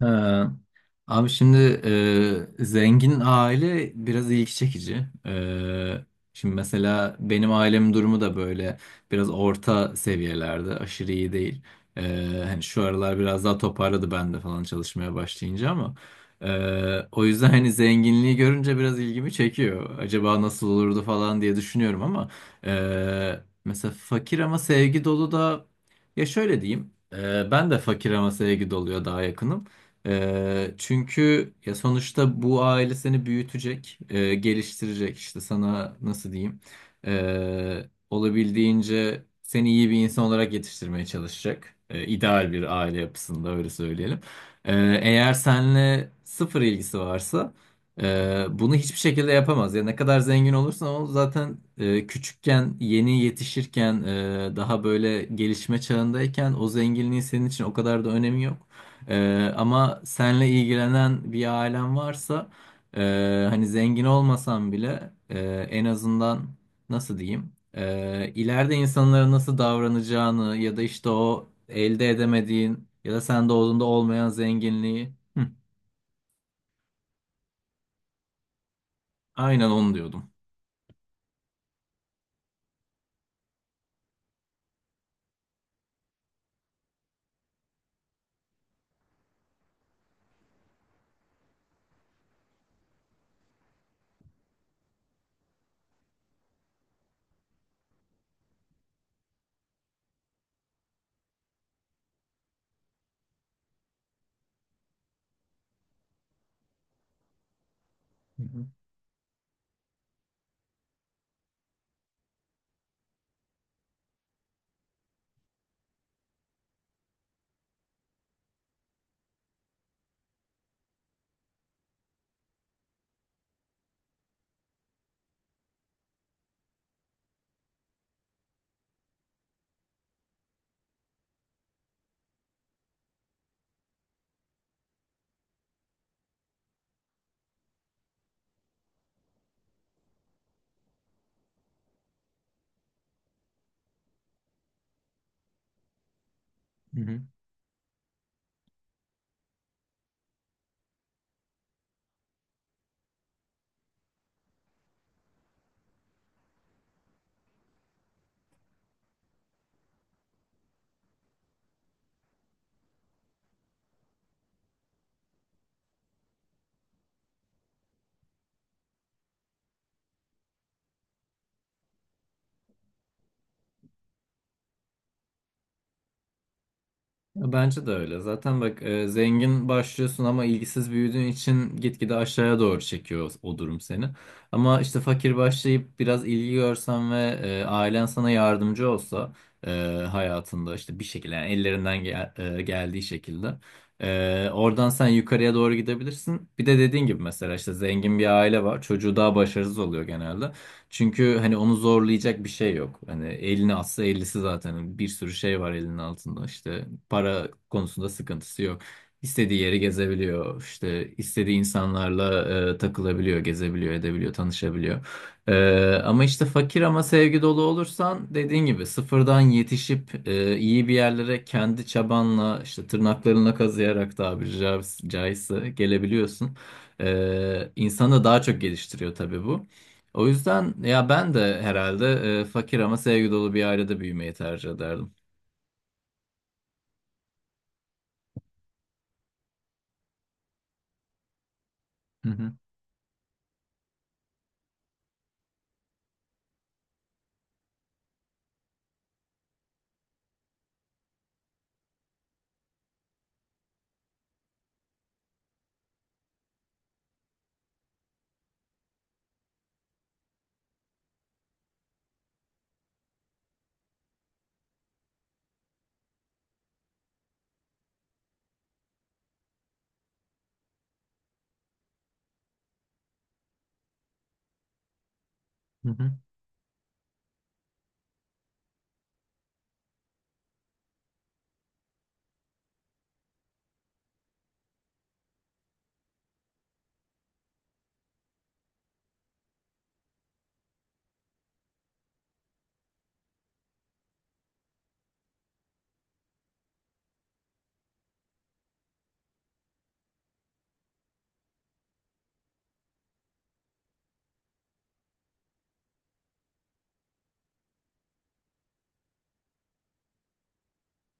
Ha. Abi şimdi zengin aile biraz ilgi çekici. Şimdi mesela benim ailemin durumu da böyle biraz orta seviyelerde, aşırı iyi değil. E, hani şu aralar biraz daha toparladı ben de falan çalışmaya başlayınca ama o yüzden hani zenginliği görünce biraz ilgimi çekiyor. Acaba nasıl olurdu falan diye düşünüyorum ama mesela fakir ama sevgi dolu da, ya şöyle diyeyim, ben de fakir ama sevgi doluya daha yakınım. Çünkü ya sonuçta bu aile seni büyütecek, geliştirecek, işte sana nasıl diyeyim, olabildiğince seni iyi bir insan olarak yetiştirmeye çalışacak. İdeal bir aile yapısında, öyle söyleyelim. Ee, eğer seninle sıfır ilgisi varsa bunu hiçbir şekilde yapamaz. Ya ne kadar zengin olursan ol zaten, küçükken, yeni yetişirken, daha böyle gelişme çağındayken o zenginliğin senin için o kadar da önemi yok. Ama senle ilgilenen bir ailen varsa, hani zengin olmasan bile, en azından nasıl diyeyim, ileride insanlara nasıl davranacağını ya da işte o elde edemediğin ya da sen doğduğunda olmayan zenginliği... Hı, aynen onu diyordum. Hı hı. Hı hı. Bence de öyle. Zaten bak, zengin başlıyorsun ama ilgisiz büyüdüğün için gitgide aşağıya doğru çekiyor o durum seni. Ama işte fakir başlayıp biraz ilgi görsen ve ailen sana yardımcı olsa, e, hayatında işte bir şekilde, yani ellerinden geldiği şekilde oradan sen yukarıya doğru gidebilirsin. Bir de dediğin gibi mesela işte zengin bir aile var. Çocuğu daha başarısız oluyor genelde. Çünkü hani onu zorlayacak bir şey yok. Hani elini atsa ellisi, zaten bir sürü şey var elinin altında, işte para konusunda sıkıntısı yok. İstediği yeri gezebiliyor. İşte istediği insanlarla takılabiliyor, gezebiliyor, edebiliyor, tanışabiliyor. E, ama işte fakir ama sevgi dolu olursan, dediğin gibi sıfırdan yetişip iyi bir yerlere kendi çabanla, işte tırnaklarına kazıyarak tabiri caizse gelebiliyorsun. E, insanı daha çok geliştiriyor tabii bu. O yüzden ya ben de herhalde fakir ama sevgi dolu bir ailede büyümeyi tercih ederdim. Hı hı, hı hı.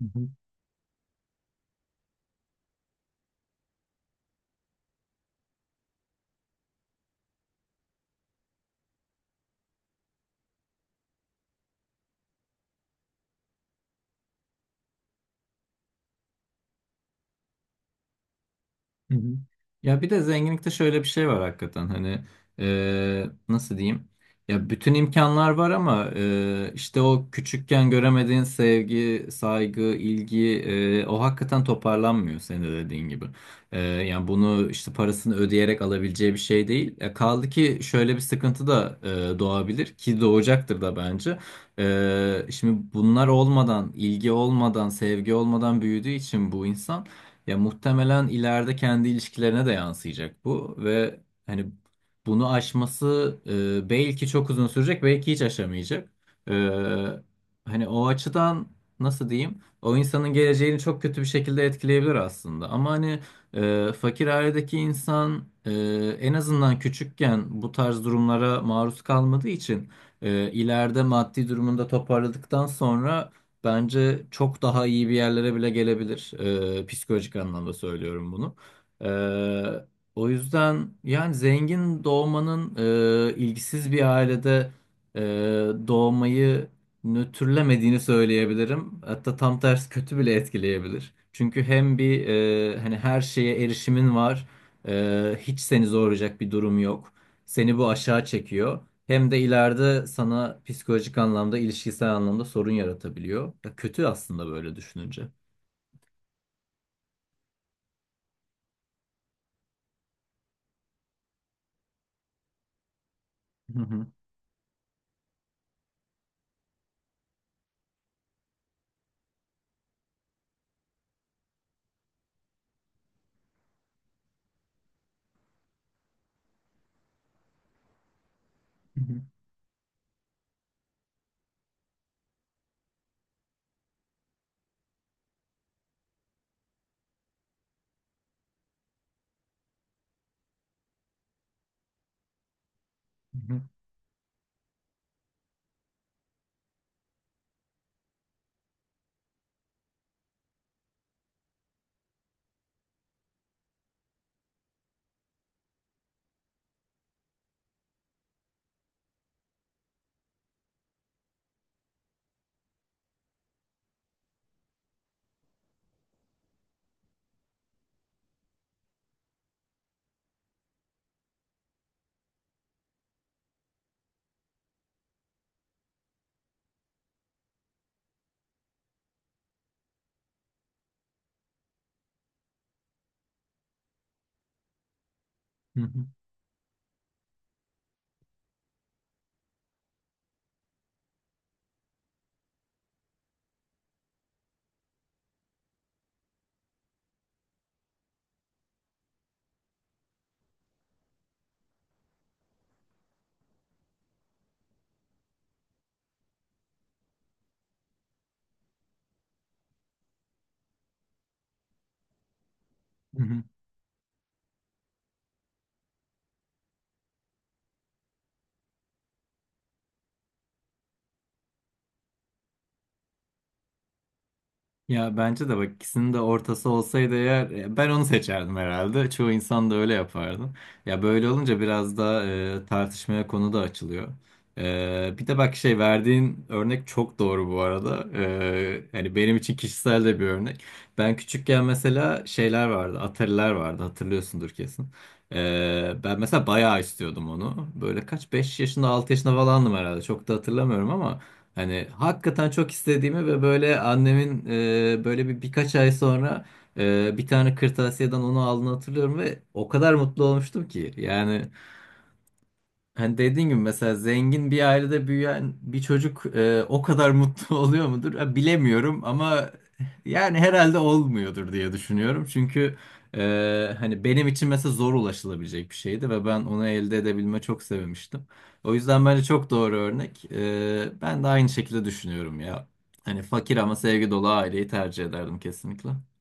Hı hı. Hı hı. Ya bir de zenginlikte şöyle bir şey var hakikaten, hani nasıl diyeyim, ya bütün imkanlar var ama işte o küçükken göremediğin sevgi, saygı, ilgi, o hakikaten toparlanmıyor, senin de dediğin gibi. Yani bunu işte parasını ödeyerek alabileceği bir şey değil. Kaldı ki şöyle bir sıkıntı da doğabilir, ki doğacaktır da bence. Şimdi bunlar olmadan, ilgi olmadan, sevgi olmadan büyüdüğü için bu insan, ya muhtemelen ileride kendi ilişkilerine de yansıyacak bu, ve hani bunu aşması belki çok uzun sürecek, belki hiç aşamayacak. E, hani o açıdan nasıl diyeyim, o insanın geleceğini çok kötü bir şekilde etkileyebilir aslında. Ama hani, fakir ailedeki insan en azından küçükken bu tarz durumlara maruz kalmadığı için ileride maddi durumunda toparladıktan sonra bence çok daha iyi bir yerlere bile gelebilir. Psikolojik anlamda söylüyorum bunu. Ee, o yüzden yani zengin doğmanın ilgisiz bir ailede e, doğmayı nötrlemediğini söyleyebilirim. Hatta tam tersi, kötü bile etkileyebilir. Çünkü hem bir, hani her şeye erişimin var, hiç seni zorlayacak bir durum yok. Seni bu aşağı çekiyor. Hem de ileride sana psikolojik anlamda, ilişkisel anlamda sorun yaratabiliyor. Ya kötü aslında böyle düşününce. Hı hı. Hı hı. Hı hı. Hı hı. Ya bence de bak, ikisinin de ortası olsaydı eğer, ben onu seçerdim herhalde. Çoğu insan da öyle yapardı. Ya böyle olunca biraz da tartışmaya konu da açılıyor. Bir de bak, şey, verdiğin örnek çok doğru bu arada. Yani benim için kişisel de bir örnek. Ben küçükken mesela şeyler vardı, Atari'ler vardı, hatırlıyorsundur kesin. Ben mesela bayağı istiyordum onu. Böyle kaç, 5 yaşında 6 yaşında falandım herhalde, çok da hatırlamıyorum ama hani hakikaten çok istediğimi ve böyle annemin böyle bir birkaç ay sonra bir tane kırtasiyeden onu aldığını hatırlıyorum, ve o kadar mutlu olmuştum ki. Yani, hani dediğin gibi mesela zengin bir ailede büyüyen bir çocuk o kadar mutlu oluyor mudur? Ha, bilemiyorum ama yani herhalde olmuyordur diye düşünüyorum. Çünkü hani benim için mesela zor ulaşılabilecek bir şeydi ve ben onu elde edebilme çok sevmiştim. O yüzden bence çok doğru örnek. Ben de aynı şekilde düşünüyorum ya. Hani fakir ama sevgi dolu aileyi tercih ederdim kesinlikle.